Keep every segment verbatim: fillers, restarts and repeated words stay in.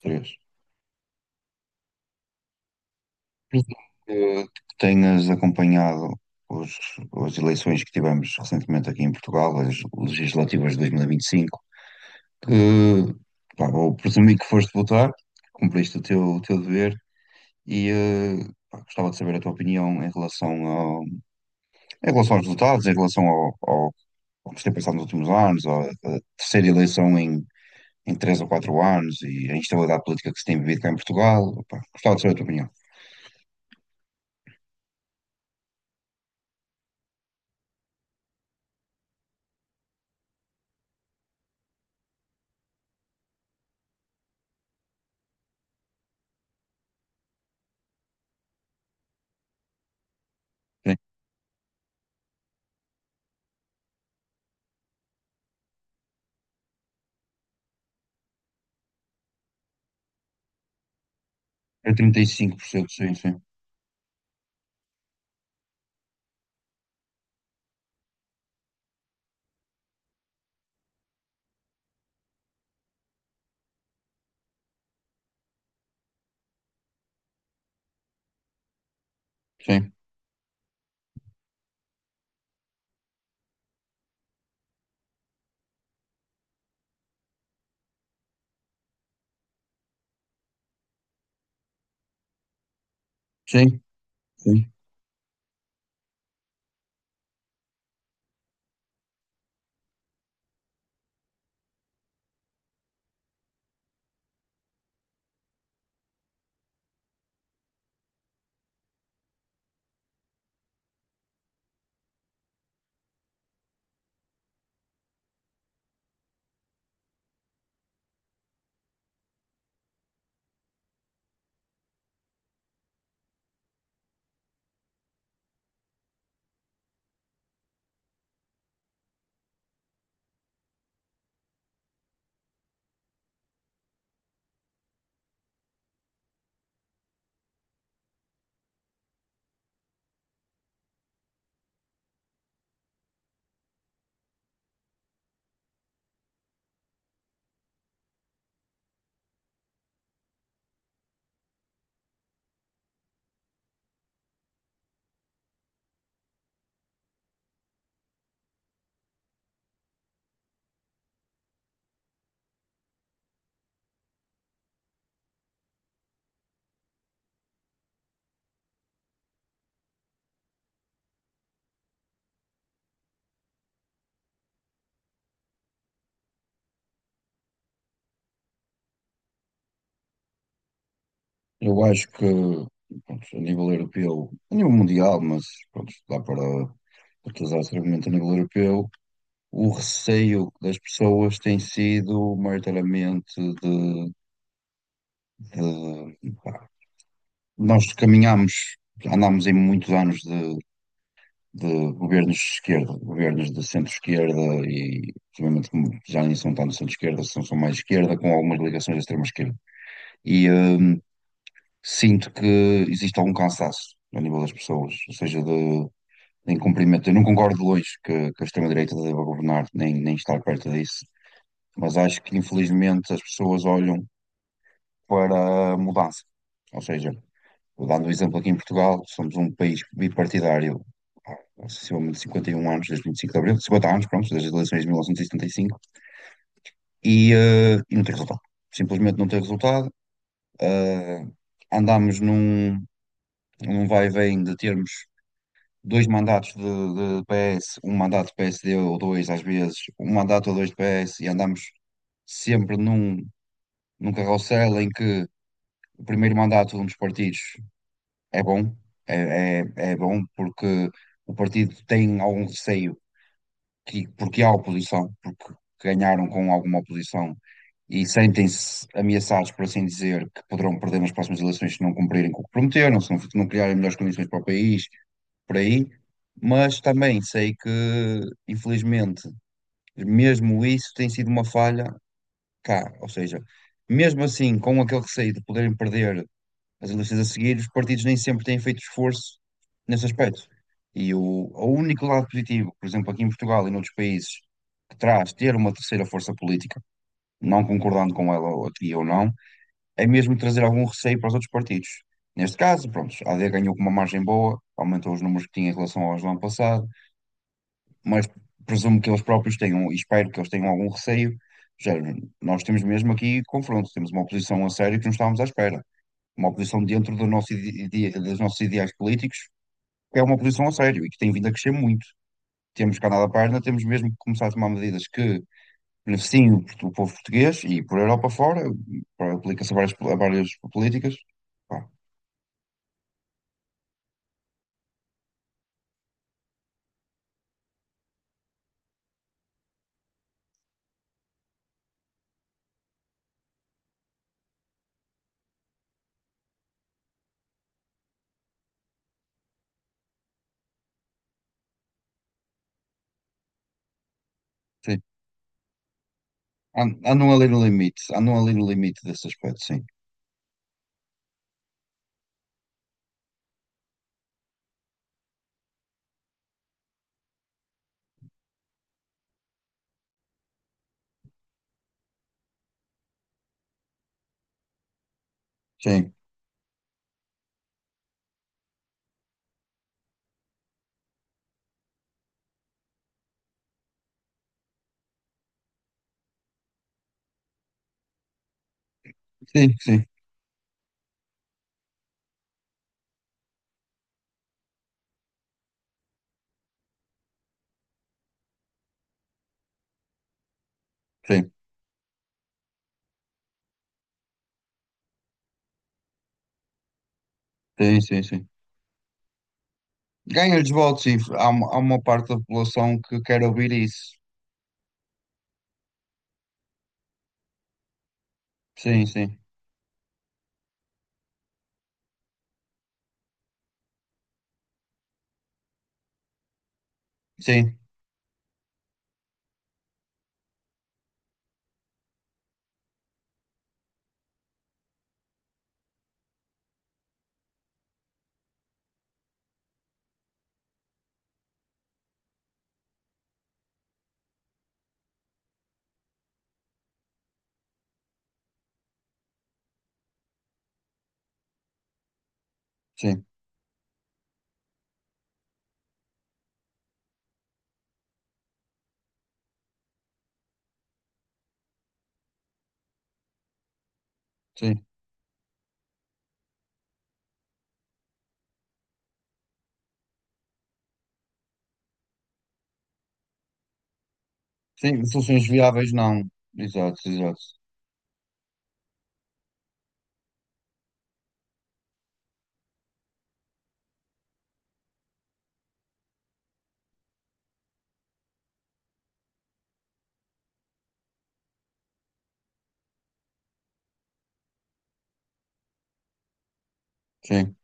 Três. Presumo que que tenhas acompanhado os, as eleições que tivemos recentemente aqui em Portugal, as legislativas de dois mil e vinte e cinco, que, pá, vou presumir que foste votar, cumpriste o teu, o teu dever e eh, pá, gostava de saber a tua opinião em relação ao, em relação aos resultados, em relação ao, ao, ao que se tem passado nos últimos anos, à, à terceira eleição em, em três ou quatro anos e a instabilidade política que se tem vivido cá em Portugal. Opa, gostava de saber a tua opinião. Sim. É trinta e cinco por cento, sim, sim. Sim, sim, sim. Eu acho que, pronto, a nível europeu, a nível mundial, mas pronto, dá para utilizar esse argumento a nível europeu. O receio das pessoas tem sido maioritariamente de, de- pá, nós caminhamos, andámos em muitos anos de, de governos de esquerda, governos de centro-esquerda e obviamente como já nem são tanto centro-esquerda, são, são mais esquerda, com algumas ligações à extrema-esquerda. E hum, sinto que existe algum cansaço a nível das pessoas, ou seja, de, de incumprimento. Eu não concordo de longe que, que a extrema-direita deva governar, nem, nem estar perto disso, mas acho que infelizmente as pessoas olham para a mudança. Ou seja, dando um exemplo aqui em Portugal, somos um país bipartidário há sucessivamente cinquenta e um anos, desde vinte e cinco de Abril, cinquenta anos, pronto, desde as eleições de mil novecentos e setenta e cinco, e, setenta e cinco, e, eh, e não tem resultado. Simplesmente não tem resultado. Eh, Andamos num, num vai e vem de termos dois mandatos de, de P S, um mandato de P S D ou dois, às vezes, um mandato ou dois de P S, e andamos sempre num, num carrossel em que o primeiro mandato de um dos partidos é bom, é, é, é bom porque o partido tem algum receio que, porque há oposição, porque ganharam com alguma oposição e sentem-se ameaçados, por assim dizer, que poderão perder nas próximas eleições se não cumprirem com o que prometeram, se não, não criarem melhores condições para o país, por aí. Mas também sei que, infelizmente, mesmo isso tem sido uma falha cá. Ou seja, mesmo assim, com aquele receio de poderem perder as eleições a seguir, os partidos nem sempre têm feito esforço nesse aspecto. E o, o único lado positivo, por exemplo, aqui em Portugal e noutros países, que traz ter uma terceira força política, não concordando com ela, ou- aqui ou não, é mesmo trazer algum receio para os outros partidos. Neste caso, pronto, a AD ganhou com uma margem boa, aumentou os números que tinha em relação aos do ano passado, mas presumo que eles próprios tenham, e espero que eles tenham algum receio. Já, nós temos mesmo aqui confronto, temos uma oposição a sério que não estávamos à espera, uma oposição dentro do nosso ide- ide- dos nossos ideais políticos, que é uma oposição a sério e que tem vindo a crescer muito. Temos que andar da página, temos mesmo que começar a tomar medidas que beneficiem o, portu- o povo português e por Europa fora, para- aplica-se a várias, a várias políticas. Pá, sim. An- Andam ali no limite, andam ali no limite desse aspecto, sim. Sim, sim, sim, sim, sim, sim, sim. Ganhas de votos, sim. Há, uma- há uma parte da população que quer ouvir isso. Sim, sim, sim, sim, sim. Sim, soluções viáveis não. Exato, exato. Sim,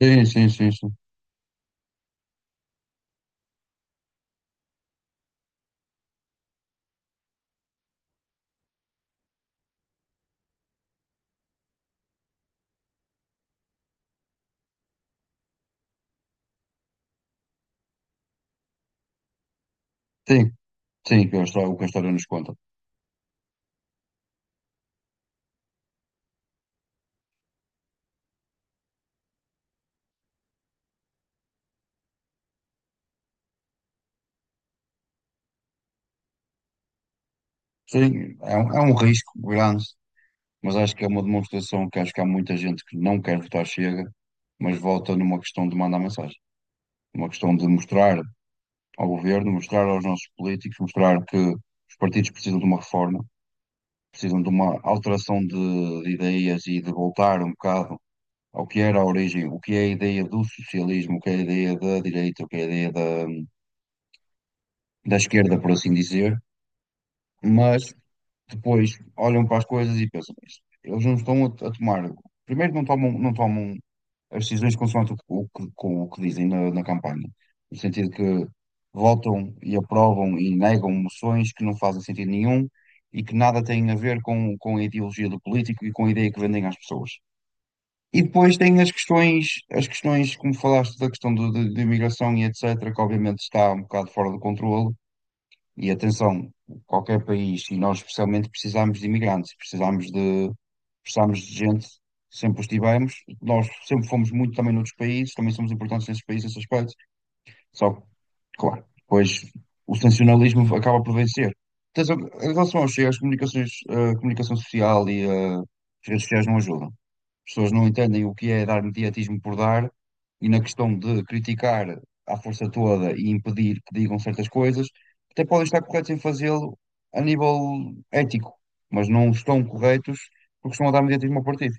sim, sim, sim, sim. Sim, sim, que é o histó- o que a história nos conta. Sim, é um, é um risco grande, mas acho que é uma demonstração que acho que há muita gente que não quer votar Chega, mas volta numa questão de mandar mensagem, uma questão de mostrar ao governo, mostrar aos nossos políticos, mostrar que os partidos precisam de uma reforma, precisam de uma alteração de, de ideias e de voltar um bocado ao que era a origem, o que é a ideia do socialismo, o que é a ideia da direita, o que é a ideia da, da esquerda, por assim dizer, mas depois olham para as coisas e pensam, "Mas eles não estão a, a tomar, primeiro não tomam, não tomam as decisões consoante o, que- o que, com o que dizem na, na campanha, no sentido que votam e aprovam e negam moções que não fazem sentido nenhum e que nada têm a ver com, com a ideologia do político e com a ideia que vendem às pessoas." E depois tem as questões, as questões, como falaste, da questão do- de, de imigração e et cetera, que obviamente está um bocado fora do controle. E atenção, qualquer país, e nós especialmente precisamos de imigrantes, precisamos de, precisamos de gente, sempre os tivemos. Nós sempre fomos muito também noutros países, também somos importantes nesses países, nesse aspecto. Só que, claro, depois o sensacionalismo acaba por vencer. Tens al- Em relação ao Chega, as comunicações, a comunicação social e eh, as redes sociais não ajudam. As pessoas não entendem o que é dar mediatismo por dar e na questão de criticar à força toda e impedir que digam certas coisas, até podem estar corretos em fazê-lo a nível ético, mas não estão corretos porque estão a dar mediatismo ao partido.